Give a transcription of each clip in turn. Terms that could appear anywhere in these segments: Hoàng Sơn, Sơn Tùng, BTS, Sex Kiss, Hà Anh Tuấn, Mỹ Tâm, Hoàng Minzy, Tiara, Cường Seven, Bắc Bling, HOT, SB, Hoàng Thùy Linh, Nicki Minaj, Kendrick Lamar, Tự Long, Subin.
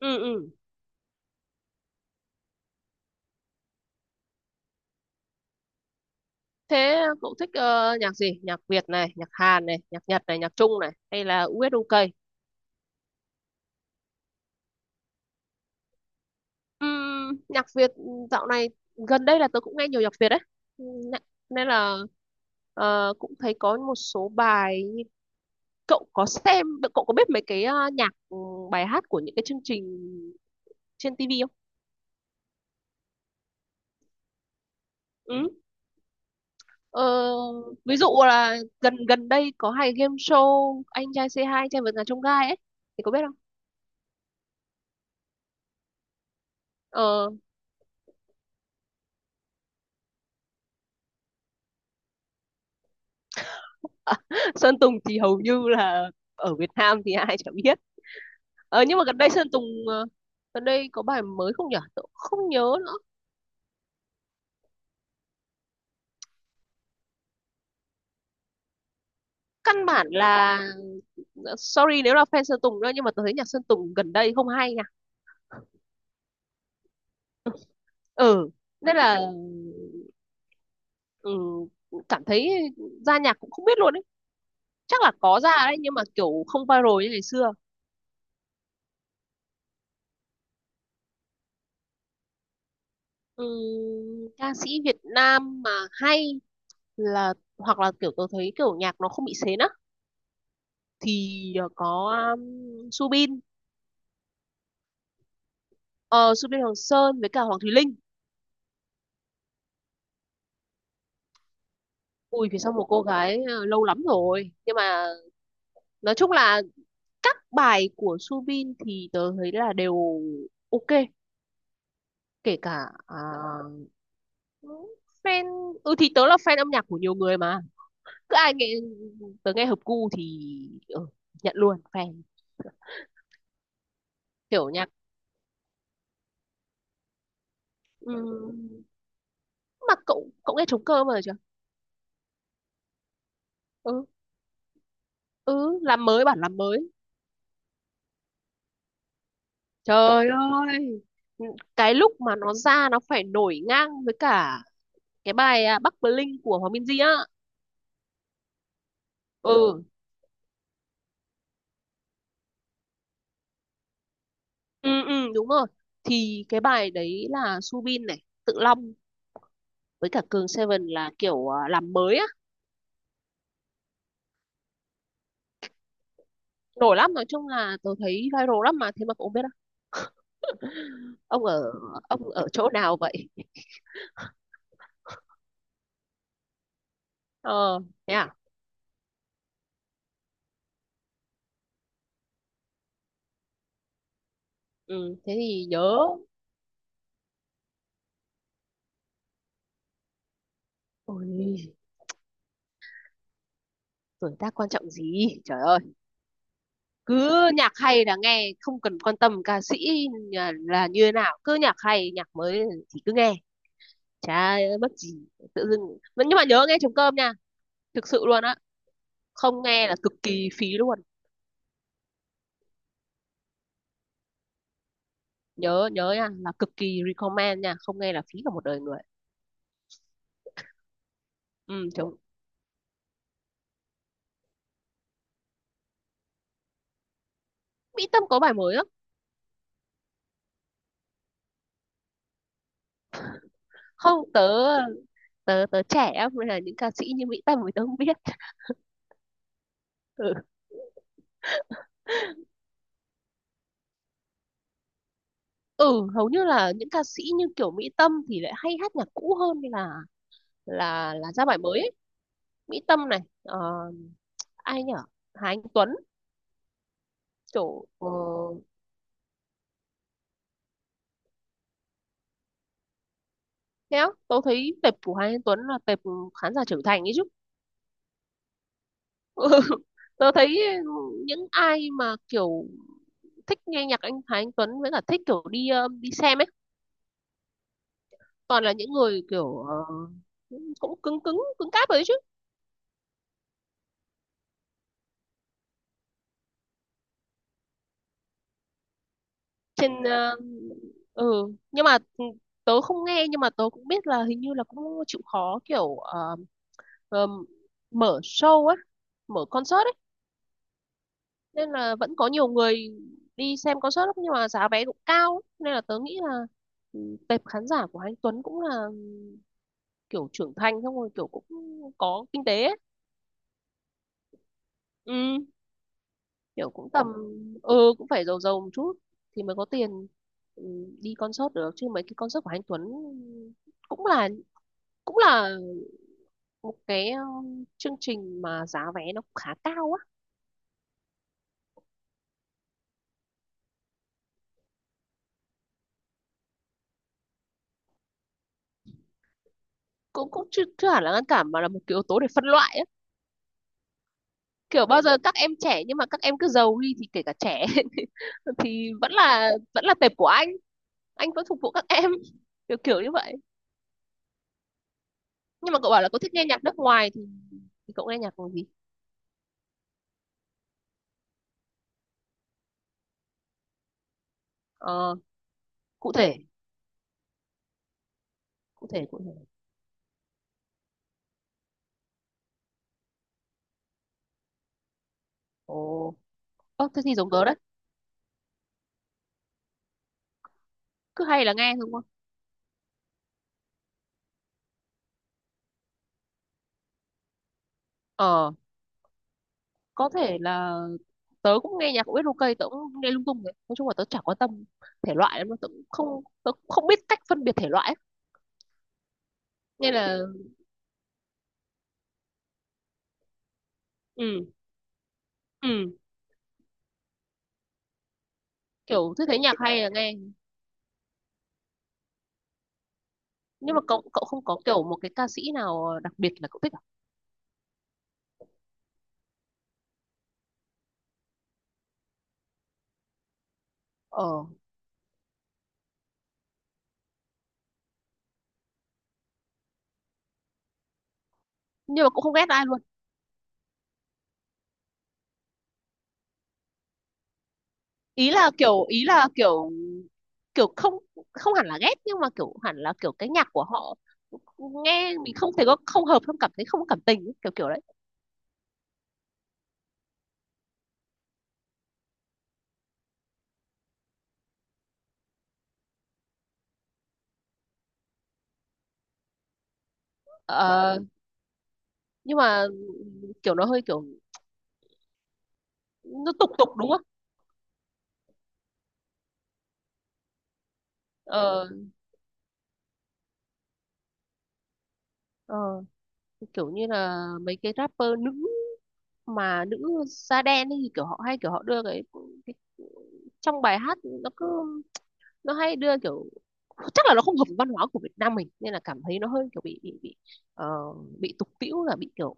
Ừ, ừ. Thế cậu thích nhạc gì? Nhạc Việt này, nhạc Hàn này, nhạc Nhật này, nhạc Trung này, hay là US UK? Nhạc Việt dạo này, gần đây là tớ cũng nghe nhiều nhạc Việt đấy. Ừm, nè- nên là cũng thấy có một số bài. Cậu có xem, cậu có biết mấy cái nhạc bài hát của những cái chương trình trên TV không? Ừ. Ờ, ví dụ là gần gần đây có hay game show anh trai C2, anh trai vượt ngàn chông gai ấy, thì có biết không? Ờ. Sơn Tùng thì hầu như là ở Việt Nam thì ai chả biết. Ờ, nhưng mà gần đây Sơn Tùng gần đây có bài mới không nhỉ? Tớ cũng không nhớ nữa. Căn bản là sorry nếu là fan Sơn Tùng nữa, nhưng mà tôi thấy nhạc Sơn Tùng gần đây không hay nha. Ừ, nên là ừ, cảm thấy ra nhạc cũng không biết luôn ấy. Chắc là có ra đấy nhưng mà kiểu không viral như ngày xưa. Ừ, ca sĩ Việt Nam mà hay là, hoặc là kiểu tôi thấy kiểu nhạc nó không bị xến á, thì có Subin. Ờ, Subin Hoàng Sơn với cả Hoàng Thùy Linh. Ui, phía sau một cô gái lâu lắm rồi nhưng mà nói chung là các bài của Subin thì tớ thấy là đều ok, kể cả fan. Ừ thì tớ là fan âm nhạc của nhiều người mà, cứ ai nghe, tớ nghe hợp gu thì ừ, nhận luôn fan. Kiểu nhạc ừ. Mà cậu cậu nghe trống cơm rồi chưa? Ừ. Ừ, làm mới, bản làm mới. Trời ơi, cái lúc mà nó ra nó phải nổi ngang với cả cái bài Bắc Bling của Hoàng Minzy á. Ừ, ừ, ừ, đúng rồi. Thì cái bài đấy là Subin này, Tự Long với cả Cường Seven là kiểu làm mới á. Nổi lắm, nói chung là tôi thấy viral lắm mà, thế mà cũng không biết á. Ông ở ông ở chỗ nào vậy? Ờ, thế à? Ừ, thế thì nhớ. Ôi, tuổi tác quan trọng gì? Trời ơi. Cứ nhạc hay là nghe, không cần quan tâm ca sĩ là như thế nào, cứ nhạc hay nhạc mới thì cứ nghe, chả mất gì tự dưng. Nhưng mà nhớ nghe trống cơm nha, thực sự luôn á, không nghe là cực kỳ phí luôn. Nhớ nhớ nha, là cực kỳ recommend nha, không nghe là phí cả một đời người. Ừ, trống. Mỹ Tâm có bài mới á? Không tớ tớ tớ trẻ á, nên là những ca sĩ như Mỹ Tâm thì tớ không biết. Ừ. Ừ, hầu như là những ca sĩ như kiểu Mỹ Tâm thì lại hay hát nhạc cũ hơn là là ra bài mới ấy. Mỹ Tâm này ờ, ai nhở, Hà Anh Tuấn, kiểu ờ, thế á, tớ thấy tệp của Hà Anh Tuấn là tệp khán giả trưởng thành ấy chứ. Tớ thấy những ai mà kiểu thích nghe nhạc anh Hà Anh Tuấn với cả thích kiểu đi đi xem ấy toàn là những người kiểu ờ, cũng cứng cứng cứng cáp rồi đấy chứ. Trên ờ, ừ, nhưng mà tớ không nghe nhưng mà tớ cũng biết là hình như là cũng chịu khó kiểu ờ, mở show ấy, mở concert ấy, nên là vẫn có nhiều người đi xem concert lắm nhưng mà giá vé cũng cao lắm. Nên là tớ nghĩ là ừ, tệp khán giả của anh Tuấn cũng là ừ, kiểu trưởng thành xong rồi kiểu cũng có kinh tế ấy. Ừ, kiểu cũng tầm ừ, cũng phải giàu giàu một chút thì mới có tiền ừ, đi concert được chứ mấy cái concert của anh Tuấn cũng là cũng là một cái chương trình mà giá vé nó khá cao á. Cũng cũng chưa, chưa hẳn là ngăn cản mà là một cái yếu tố để phân loại á. Kiểu bao giờ các em trẻ nhưng mà các em cứ giàu đi thì kể cả trẻ thì vẫn là tệp của anh vẫn phục vụ các em, kiểu kiểu như vậy. Nhưng mà cậu bảo là cậu thích nghe nhạc nước ngoài thì cậu nghe nhạc bằng gì? Ờ, cụ thể cụ thể cụ thể. Ồ, ơ thế thì giống tớ đấy, cứ hay là nghe thôi đúng không? Ờ, có thể là tớ cũng nghe nhạc của biết ok, tớ cũng nghe lung tung đấy, nói chung là tớ chả quan tâm thể loại lắm, tớ cũng không biết cách phân biệt thể loại ấy. Nên là ừ ừ, kiểu cứ thấy nhạc hay là nghe. Nhưng mà cậu cậu không có kiểu một cái ca sĩ nào đặc biệt là cậu thích à? Ờ, nhưng mà cũng không ghét ai luôn. Ý là kiểu, kiểu không, không hẳn là ghét nhưng mà kiểu hẳn là kiểu cái nhạc của họ nghe mình không thể có không hợp, không cảm thấy, không có cảm tình ấy, kiểu kiểu đấy. Ờ, nhưng mà kiểu nó hơi kiểu, nó tục tục đúng không? Ờ, ờ, kiểu như là mấy cái rapper nữ, mà nữ da đen ấy, thì kiểu họ hay kiểu họ đưa cái trong bài hát nó cứ nó hay đưa kiểu, chắc là nó không hợp với văn hóa của Việt Nam mình nên là cảm thấy nó hơi kiểu bị ờ, bị tục tĩu là bị kiểu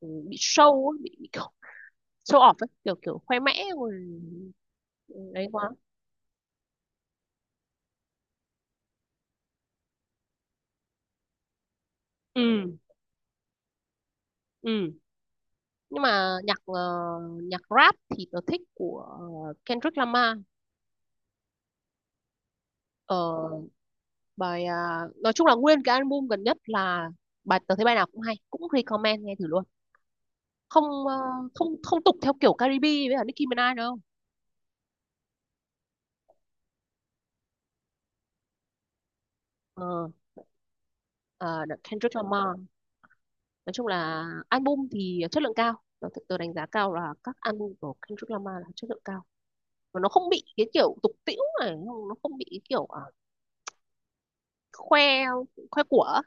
ừ, bị show ấy, bị kiểu show off ấy, kiểu kiểu khoe mẽ rồi ừ, đấy quá. Ừ ừ Nhưng mà nhạc ờ, nhạc rap thì tớ thích của Kendrick Lamar. Ờ, bài à, nói chung là nguyên cái album gần nhất là, bài tớ thấy bài nào cũng hay, cũng recommend nghe thử luôn. Không ờ, không, không tục theo kiểu Caribe với cả Nicki Minaj đâu. Ờ, ờ, Kendrick Lamar, nói chung là album thì chất lượng cao, tớ đánh giá cao là các album của Kendrick Lamar là chất lượng cao, và nó không bị cái kiểu tục tĩu này, nó không bị cái kiểu à, khoe khoe của.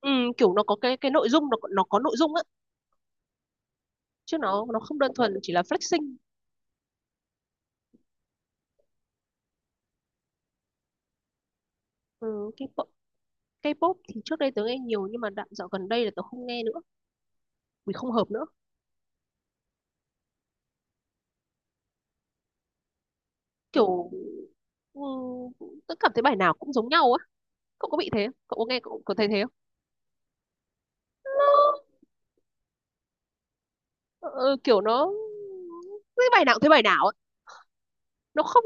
Ừ, kiểu nó có cái nội dung, nó có nội dung á, chứ nó không đơn thuần chỉ là flexing. Ừ, cái K-pop thì trước đây tớ nghe nhiều nhưng mà đoạn dạo gần đây là tớ không nghe nữa vì không hợp nữa. Kiểu ừ, tớ cảm thấy bài nào cũng giống nhau á. Cậu có bị thế không? Cậu có nghe, cậu có thấy thế không? Ờ, ờ, kiểu nó cái bài nào cũng thấy bài nào á, nó không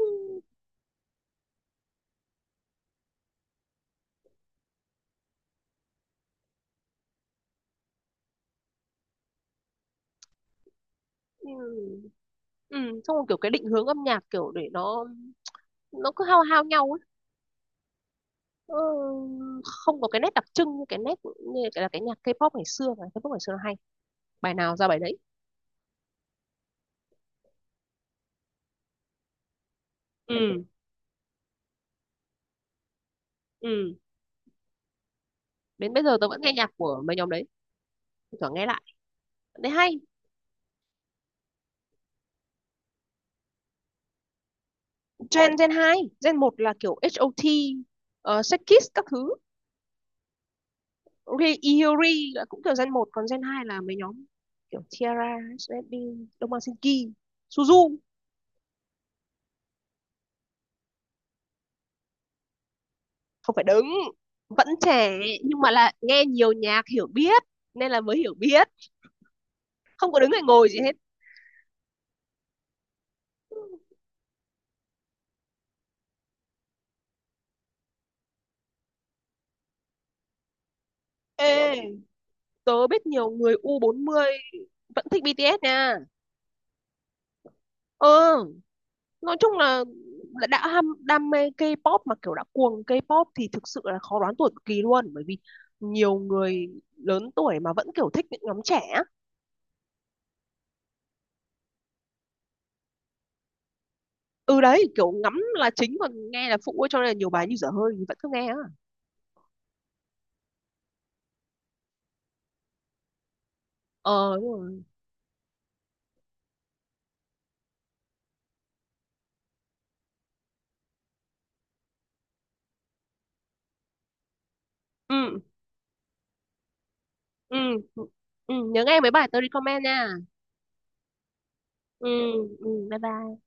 ừ, ừ, xong rồi kiểu cái định hướng âm nhạc kiểu để nó cứ hao hao nhau ấy. Ờ, không có cái nét đặc trưng như cái nét, như là cái nhạc K-pop ngày xưa, ngày K-pop ngày xưa nó hay, bài nào ra bài đấy. Ừ ừ đến bây giờ tớ vẫn nghe nhạc của mấy nhóm đấy, thỉnh thoảng nghe lại thấy hay. Gen Gen 2, Gen một là kiểu HOT, Sex Kiss các thứ. Iori là cũng kiểu Gen một, còn Gen 2 là mấy nhóm kiểu Tiara, SB, Domasinki, Suzu. Không phải đứng, vẫn trẻ, nhưng mà là nghe nhiều nhạc hiểu biết nên là mới hiểu biết, không có đứng hay ngồi gì hết. Ê, tớ biết nhiều người u 40 vẫn thích BTS nha. Ừ, nói chung là đã ham đam mê K-pop mà kiểu đã cuồng K-pop thì thực sự là khó đoán tuổi cực kỳ luôn, bởi vì nhiều người lớn tuổi mà vẫn kiểu thích những nhóm trẻ á. Ừ đấy kiểu ngắm là chính còn nghe là phụ ấy, cho nên là nhiều bài như dở hơi thì vẫn cứ nghe á. Ờ đúng rồi. Ừ ừ ừ nhớ nghe mấy bài tôi recommend nha. Ừ ừ bye bye.